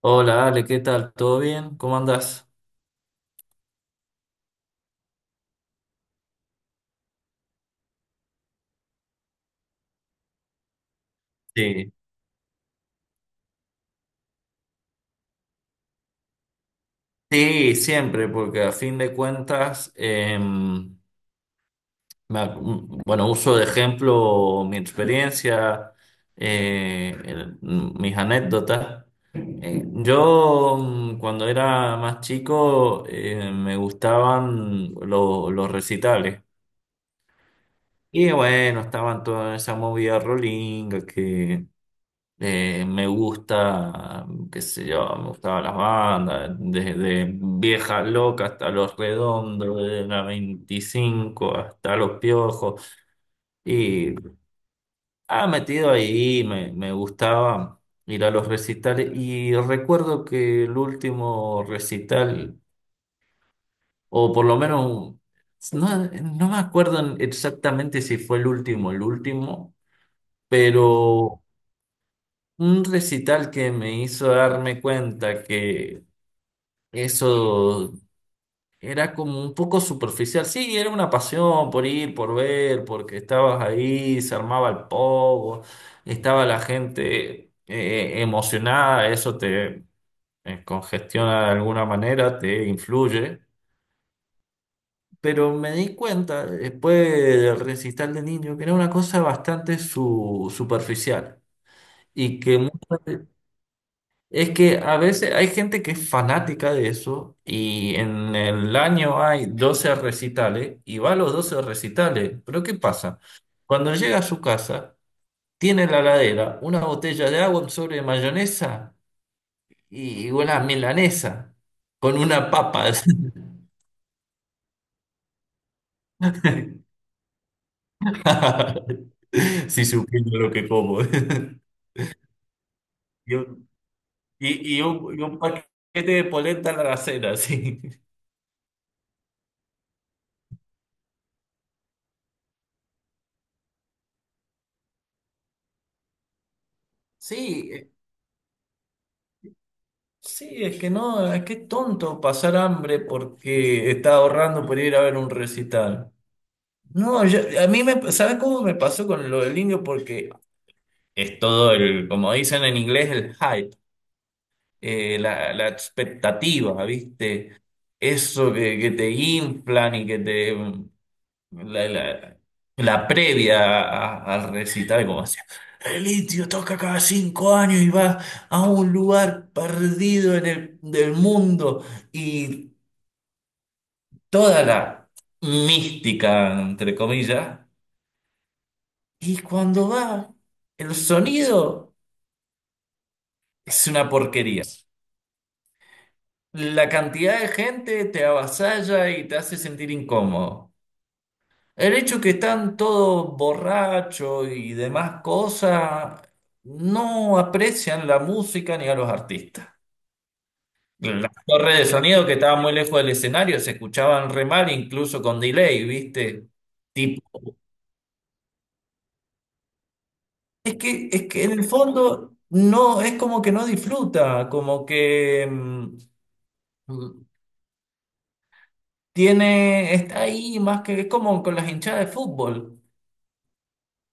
Hola Ale, ¿qué tal? ¿Todo bien? ¿Cómo andás? Sí, sí, siempre, porque a fin de cuentas, bueno, uso de ejemplo mi experiencia, mis anécdotas. Yo cuando era más chico me gustaban los recitales. Y bueno, estaban toda esa movida rolinga que... Me gusta, qué sé yo, me gustaban las bandas, desde Vieja Loca hasta Los Redondos, de la 25 hasta Los Piojos. Y ha metido ahí, me gustaba ir a los recitales. Y recuerdo que el último recital, o por lo menos, no me acuerdo exactamente si fue el último, pero un recital que me hizo darme cuenta que eso era como un poco superficial. Sí, era una pasión por ir, por ver, porque estabas ahí, se armaba el pogo, estaba la gente emocionada, eso te congestiona de alguna manera, te influye. Pero me di cuenta después del recital de niño que era una cosa bastante superficial y que muchas... Es que a veces hay gente que es fanática de eso y en el año hay 12 recitales y va a los 12 recitales. Pero ¿qué pasa? Cuando llega a su casa, tiene en la ladera una botella de agua, un sobre de mayonesa y una milanesa con una papa. Si supiera lo que como. Y un, y un paquete de polenta a la cena, sí. Sí, sí, es que no, es que es tonto pasar hambre porque está ahorrando por ir a ver un recital. No, a mí me, ¿sabes cómo me pasó con lo del indio? Porque es todo el, como dicen en inglés, el hype, la expectativa, ¿viste? Eso que te inflan y que te la, la- la previa al recital, como decía, el litio toca cada 5 años y va a un lugar perdido en el, del mundo y toda la mística, entre comillas, y cuando va, el sonido es una porquería. La cantidad de gente te avasalla y te hace sentir incómodo. El hecho que están todos borrachos y demás cosas, no aprecian la música ni a los artistas. Las torres de sonido que estaban muy lejos del escenario se escuchaban re mal, incluso con delay, ¿viste? Tipo, es que en el fondo no, es como que no disfruta, como que tiene, está ahí más que, es como con las hinchadas de fútbol.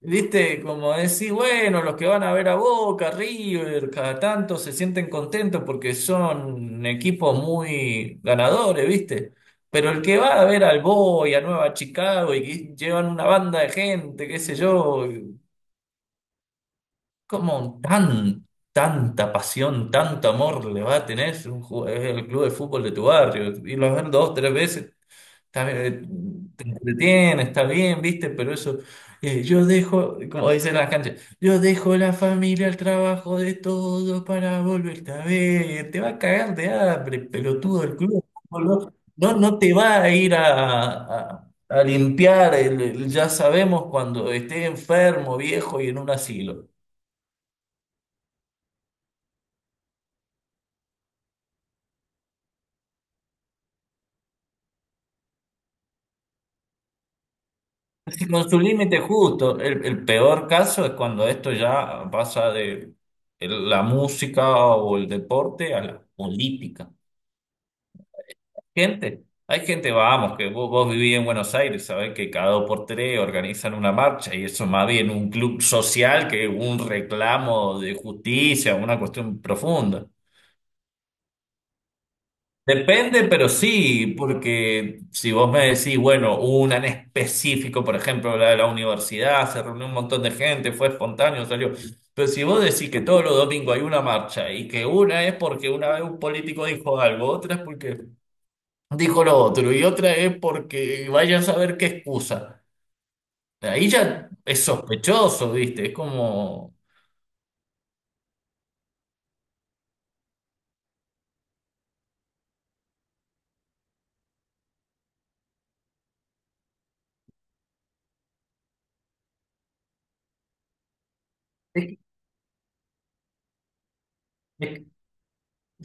Viste, como decir, bueno, los que van a ver a Boca, River, cada tanto se sienten contentos porque son equipos muy ganadores, ¿viste? Pero ¿el que va a ver al Boy, a Nueva Chicago y que llevan una banda de gente, qué sé yo, como tan, tanta pasión, tanto amor le va a tener un el club de fútbol de tu barrio? Y los ver dos, tres veces... Está bien, te entretiene, está bien, viste, pero eso, yo dejo, como dicen las canchas, yo dejo la familia, el trabajo de todo para volverte a ver. Te va a cagar de hambre, pelotudo del club de fútbol. No, no, no te va a ir a- a limpiar el ya sabemos cuando esté enfermo, viejo y en un asilo. Sí, con su límite justo. El peor caso es cuando esto ya pasa de la música o el deporte a la política. Gente, hay gente, vamos, que vos vivís en Buenos Aires, sabés que cada dos por tres organizan una marcha y eso más bien un club social que un reclamo de justicia, una cuestión profunda. Depende, pero sí, porque si vos me decís, bueno, hubo una en específico, por ejemplo, la de la universidad, se reunió un montón de gente, fue espontáneo, salió. Pero si vos decís que todos los domingos hay una marcha y que una es porque una vez un político dijo algo, otra es porque dijo lo otro y otra es porque vaya a saber qué excusa. Ahí ya es sospechoso, ¿viste? Es como...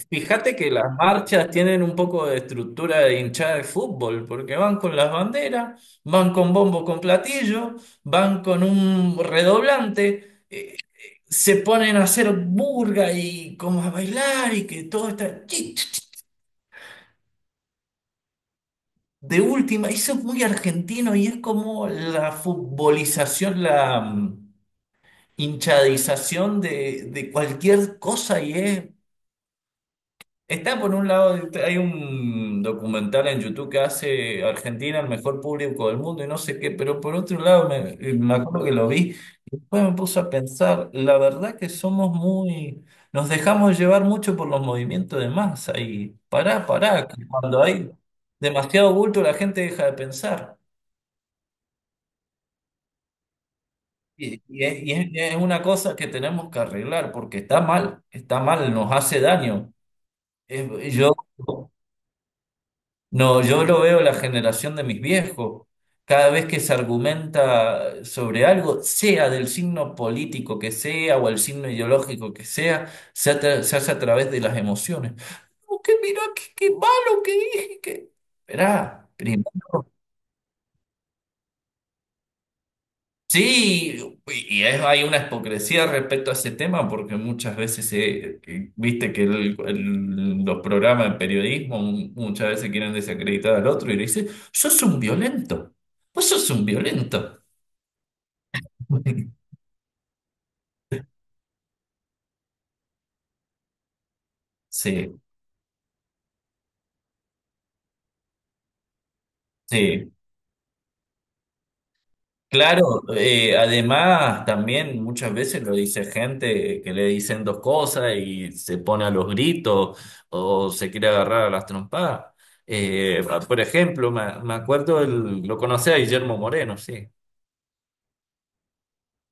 Fíjate que las marchas tienen un poco de estructura de hinchada de fútbol, porque van con las banderas, van con bombo con platillo, van con un redoblante, se ponen a hacer burga y como a bailar y que todo está chi, chi, chi, de última. Eso es muy argentino y es como la futbolización, la hinchadización de cualquier cosa y es... Está por un lado, hay un documental en YouTube que hace Argentina el mejor público del mundo y no sé qué, pero por otro lado me acuerdo que lo vi, después me puse a pensar, la verdad que somos muy, nos dejamos llevar mucho por los movimientos de masa y pará, pará, que cuando hay demasiado bulto la gente deja de pensar. Y es una cosa que tenemos que arreglar porque está mal, nos hace daño. Es- yo No, yo lo veo la generación de mis viejos. Cada vez que se argumenta sobre algo, sea del signo político que sea o el signo ideológico que sea, se hace a través de las emociones. No, que mira, qué malo que dije, que... Esperá, sí, hay una hipocresía respecto a ese tema porque muchas veces, viste que los programas de periodismo muchas veces quieren desacreditar al otro y le dicen, sos un violento, vos sos un violento. Sí, sí, claro, además también muchas veces lo dice gente que le dicen dos cosas y se pone a los gritos o se quiere agarrar a las trompadas. Por ejemplo, me acuerdo, lo conocí a Guillermo Moreno, sí,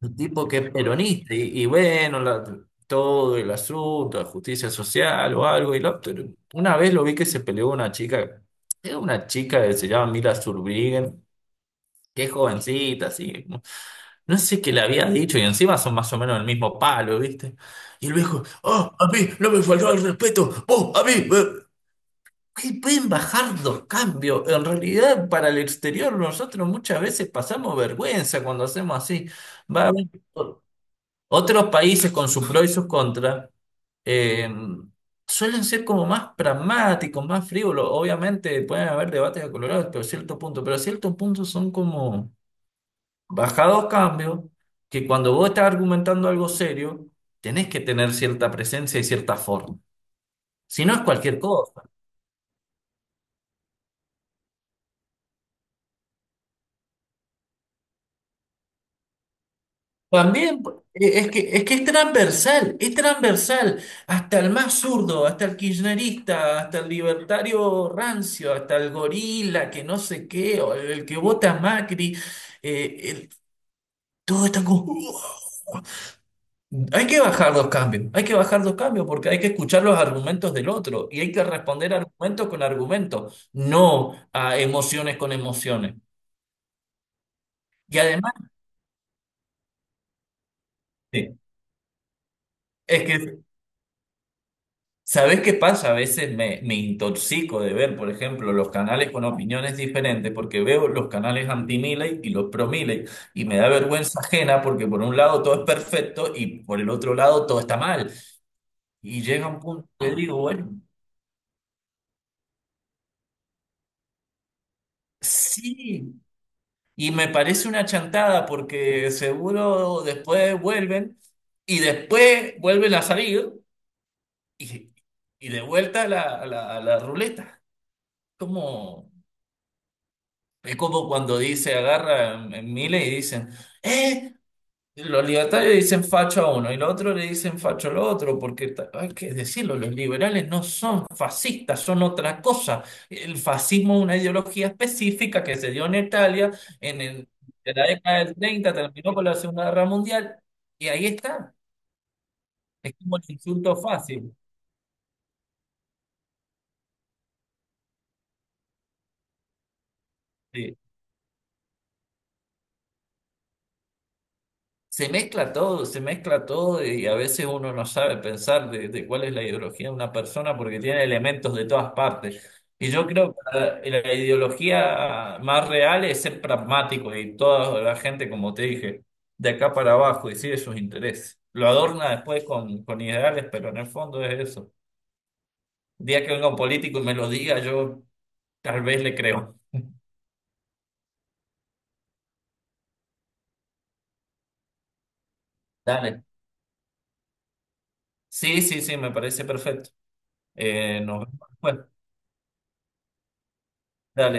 un tipo que es peronista y bueno, todo el asunto de justicia social o algo. Y una vez lo vi que se peleó una chica, era una chica que se llama Mila Zurbriggen, que es jovencita, así. No sé qué le había dicho y encima son más o menos el mismo palo, ¿viste? Y el viejo, oh, a mí no me faltó el respeto, vos, a mí. Eh. Ay, pueden bajar dos cambios. En realidad, para el exterior, nosotros muchas veces pasamos vergüenza cuando hacemos así. Va a haber o- otros países con sus pros y sus contras. eh, Suelen ser como más pragmáticos, más frívolos. Obviamente pueden haber debates acolorados, pero a cierto punto. Pero a cierto punto son como... Bajado cambios que cuando vos estás argumentando algo serio, tenés que tener cierta presencia y cierta forma. Si no es cualquier cosa. También es que es transversal, es transversal. Hasta el más zurdo, hasta el kirchnerista, hasta el libertario rancio, hasta el gorila, que no sé qué, o el que vota a Macri, eh, el- todos están como... Hay que bajar dos cambios, hay que bajar dos cambios porque hay que escuchar los argumentos del otro y hay que responder argumentos con argumentos, no a emociones con emociones. Y además, eh, es que, ¿sabés qué pasa? A veces me intoxico de ver, por ejemplo, los canales con opiniones diferentes porque veo los canales anti-Milei y los pro-Milei y me da vergüenza ajena porque por un lado todo es perfecto y por el otro lado todo está mal. Y llega un punto que digo, bueno, sí. Y me parece una chantada porque seguro después vuelven y después vuelven a salir y, y de vuelta a la, a la ruleta. Como, es como cuando dice, agarra en, miles y dicen, ¡eh! Los libertarios dicen facho a uno y los otros le dicen facho al otro, porque hay que decirlo, los liberales no son fascistas, son otra cosa. El fascismo es una ideología específica que se dio en Italia en el- de la década del 30, terminó con la Segunda Guerra Mundial, y ahí está. Es como el insulto fácil. Sí. Se mezcla todo y a veces uno no sabe pensar de cuál es la ideología de una persona porque tiene elementos de todas partes. Y yo creo que la ideología más real es ser pragmático y toda la gente, como te dije, de acá para abajo y sigue sus intereses. Lo adorna después con ideales, pero en el fondo es eso. El día que venga un político y me lo diga, yo tal vez le creo. Dale. Sí, sí, sí, me parece perfecto. Nos vemos después. Dale.